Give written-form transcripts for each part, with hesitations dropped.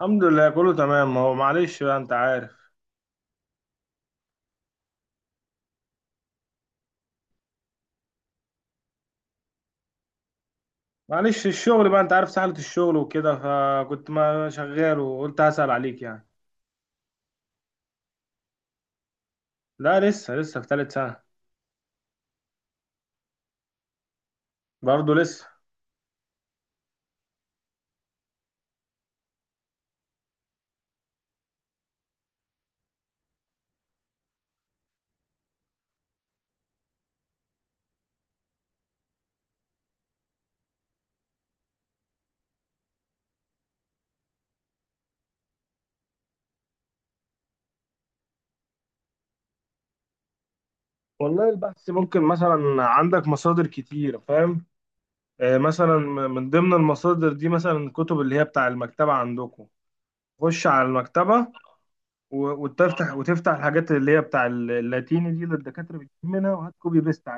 الحمد لله، كله تمام. هو معلش بقى انت عارف. معلش، الشغل بقى انت عارف سهلة، الشغل وكده فكنت ما شغال وقلت هسأل عليك يعني. لا، لسه في تالت سنة. برضه لسه. والله البحث ممكن مثلا عندك مصادر كتير، فاهم. مثلا، من ضمن المصادر دي مثلا الكتب اللي هي بتاع المكتبة عندكم. خش على المكتبة وتفتح الحاجات اللي هي بتاع اللاتيني دي اللي الدكاترة بتجيب منها، وهات كوبي بيست.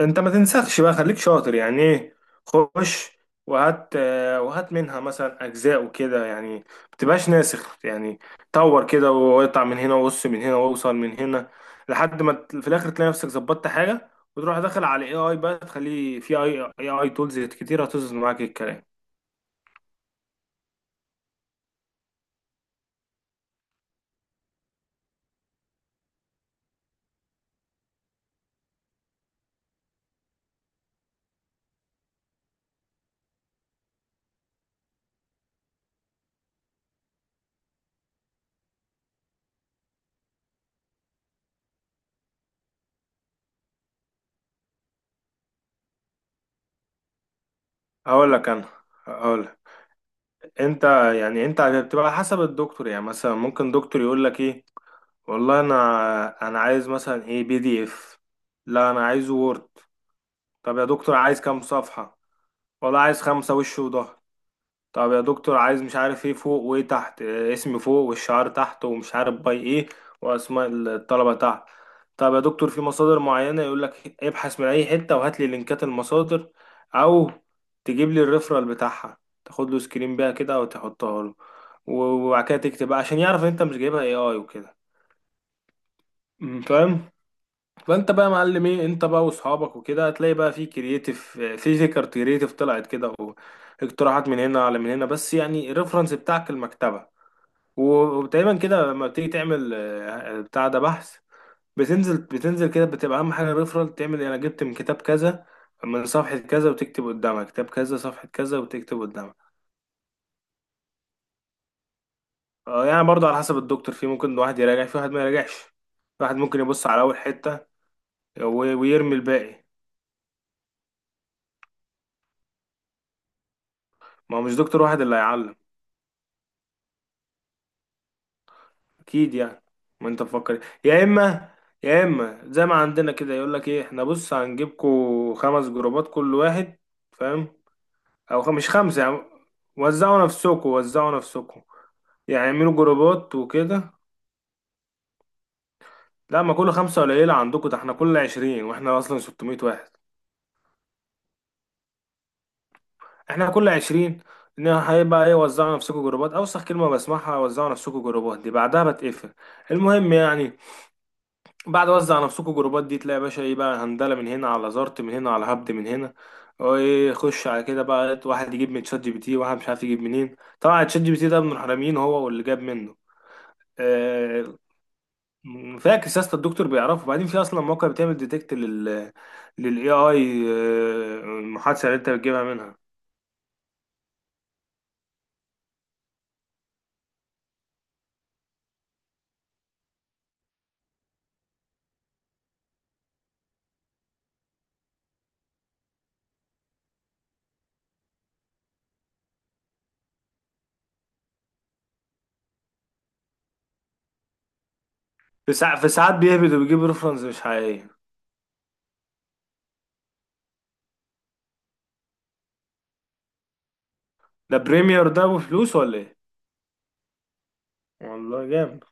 انت ما تنسخش بقى، خليك شاطر، يعني ايه؟ خش وهات منها مثلا اجزاء وكده، يعني ما تبقاش ناسخ يعني. طور كده واقطع من هنا وقص من هنا واوصل من هنا لحد ما في الاخر تلاقي نفسك ظبطت حاجه. وتروح داخل على اي اي بقى، تخليه في اي اي تولز كتير هتظبط معاك الكلام. هقول لك انا هقول لك انت. يعني انت بتبقى على حسب الدكتور. يعني مثلا ممكن دكتور يقول لك ايه؟ والله انا عايز مثلا ايه، بي دي اف. لا انا عايزه وورد. طب يا دكتور، عايز كام صفحة؟ والله عايز خمسة وش وظهر. طب يا دكتور عايز مش عارف ايه فوق وايه تحت، اسم فوق والشعار تحت ومش عارف باي ايه، واسماء الطلبة تحت. طب يا دكتور في مصادر معينة، يقول لك ابحث من اي حتة وهات لي لينكات المصادر. او تجيب لي الريفرال بتاعها، تاخد له سكرين بيها كده وتحطها له. وبعد كده تكتب بقى عشان يعرف ان انت مش جايبها اي اي وكده. فاهم. فانت بقى يا معلم ايه، انت بقى واصحابك وكده هتلاقي بقى في كرييتيف، في فكر كرييتيف طلعت كده، واقتراحات من هنا على من هنا، بس يعني الريفرنس بتاعك المكتبه. وتقريبا كده لما بتيجي تعمل بتاع ده، بحث، بتنزل كده، بتبقى اهم حاجه الريفرنس. تعمل إيه؟ انا جبت من كتاب كذا من صفحه كذا، وتكتب قدامها كتاب كذا صفحه كذا، وتكتب قدامها. يعني برضه على حسب الدكتور. في ممكن واحد يراجع، في واحد ما يراجعش، في واحد ممكن يبص على اول حته ويرمي الباقي. ما هو مش دكتور واحد اللي هيعلم، اكيد يعني. ما انت مفكر، يا اما زي ما عندنا كده، يقول لك ايه؟ احنا بص هنجيبكوا خمس جروبات كل واحد، فاهم. او مش خمسه يعني. وزعوا نفسكم، وزعوا نفسكم، يعني اعملوا جروبات وكده. لا، ما كل خمسه قليله عندكم، ده احنا كل عشرين، واحنا اصلا 600 واحد. احنا كل عشرين، ان هيبقى ايه، وزعوا نفسكم جروبات، اوسخ كلمه بسمعها، وزعوا نفسكم جروبات دي، بعدها بتقفل المهم يعني. بعد وزع نفسكوا جروبات دي، تلاقي يا باشا ايه بقى، هندله من هنا على زارت من هنا على هبد من هنا وايه. خش على كده بقى، واحد يجيب من تشات جي بي تي، واحد مش عارف يجيب منين. طبعا تشات جي بي تي ده من الحراميين، هو واللي جاب منه. آه، فاكر سياسة الدكتور بيعرفه بعدين؟ في اصلا موقع بتعمل ديتكت لل للاي اي المحادثه اللي انت بتجيبها منها. في ساعات بيهبد وبيجيب ريفرنس مش حقيقيه. ده بريمير، ده بفلوس ولا ايه؟ والله جامد.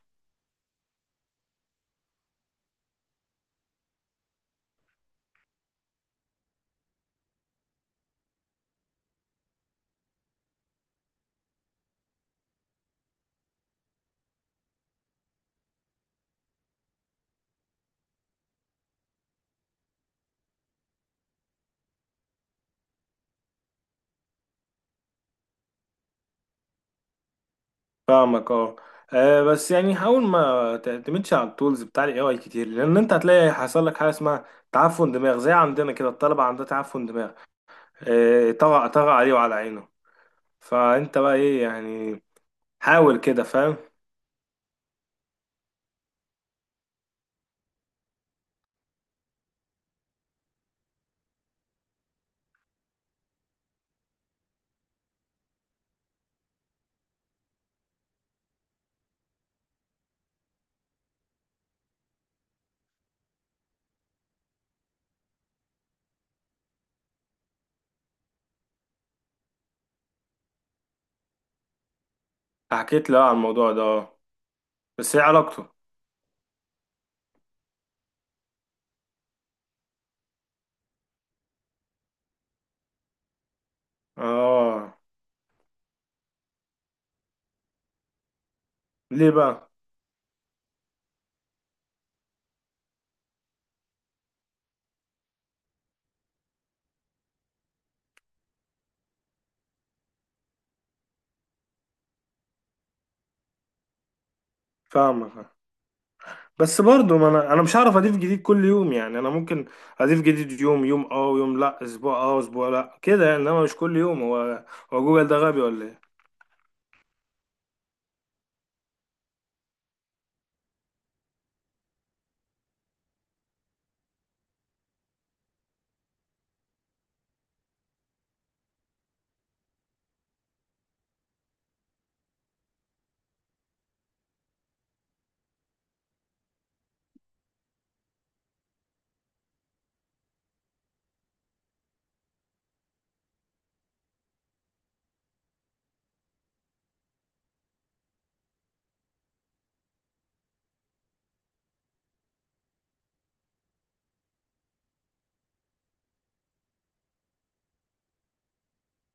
فاهمك اه. بس يعني حاول ما تعتمدش على التولز بتاع الاي اي كتير، لان انت هتلاقي حصل لك حاجه اسمها تعفن دماغ، زي عندنا كده الطلبه عندها تعفن دماغ. طغى طغى عليه وعلى عينه. فانت بقى ايه يعني، حاول كده فاهم. حكيت له على الموضوع ده، اه. بس ايه علاقته؟ اه. ليه بقى؟ فاهمك آه. بس برضه، ما انا مش هعرف اضيف جديد كل يوم يعني. انا ممكن اضيف جديد يوم يوم اه، ويوم لا، اسبوع اه، اسبوع لا كده يعني، انما مش كل يوم. هو جوجل ده غبي ولا؟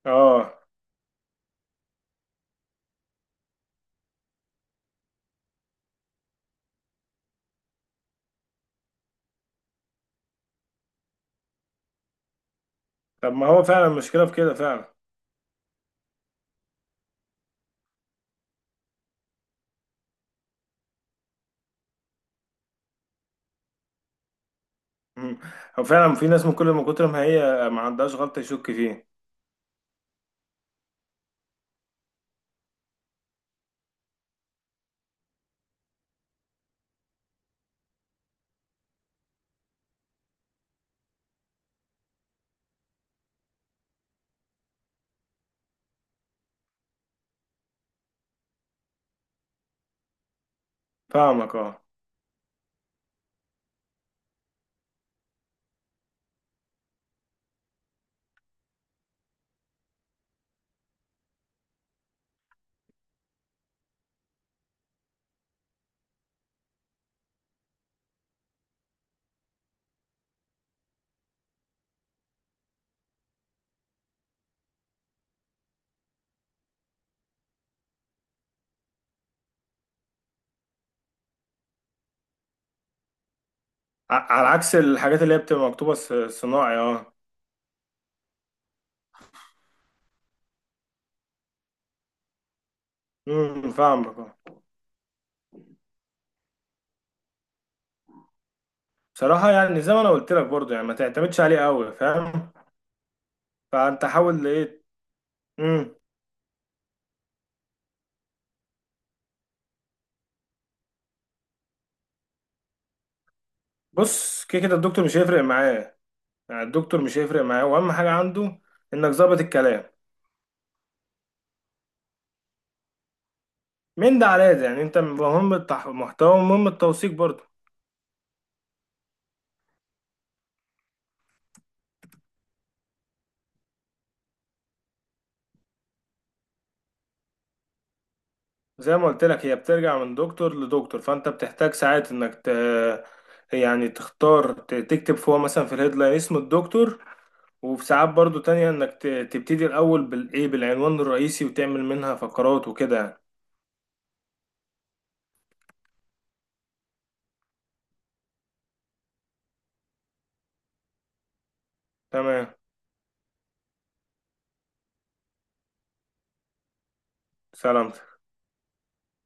اه، طب ما هو فعلا المشكلة في كده فعلا. مم. هو فعلا في ناس من كل ما كتر ما هي ما عندهاش غلطة يشك فيه. فاهمك اه. على عكس الحاجات اللي هي بتبقى مكتوبة صناعي، اه. فاهمك اه. بصراحة يعني زي ما انا قلت لك برضه، يعني ما تعتمدش عليه قوي، فاهم. فانت حاول ايه. مم. بص، كده كده الدكتور مش هيفرق معاه. يعني الدكتور مش هيفرق معاه، واهم حاجة عنده انك ظابط الكلام. من ده على ده يعني، انت مهم المحتوى، ومهم التوثيق برضه. زي ما قلت لك، هي بترجع من دكتور لدكتور، فانت بتحتاج ساعات انك يعني تختار، تكتب فوق مثلا في الهيدلاين اسم الدكتور. وفي ساعات برضو تانية انك تبتدي الاول بالايه بالعنوان الرئيسي، وتعمل منها فقرات وكده يعني. تمام. سلام.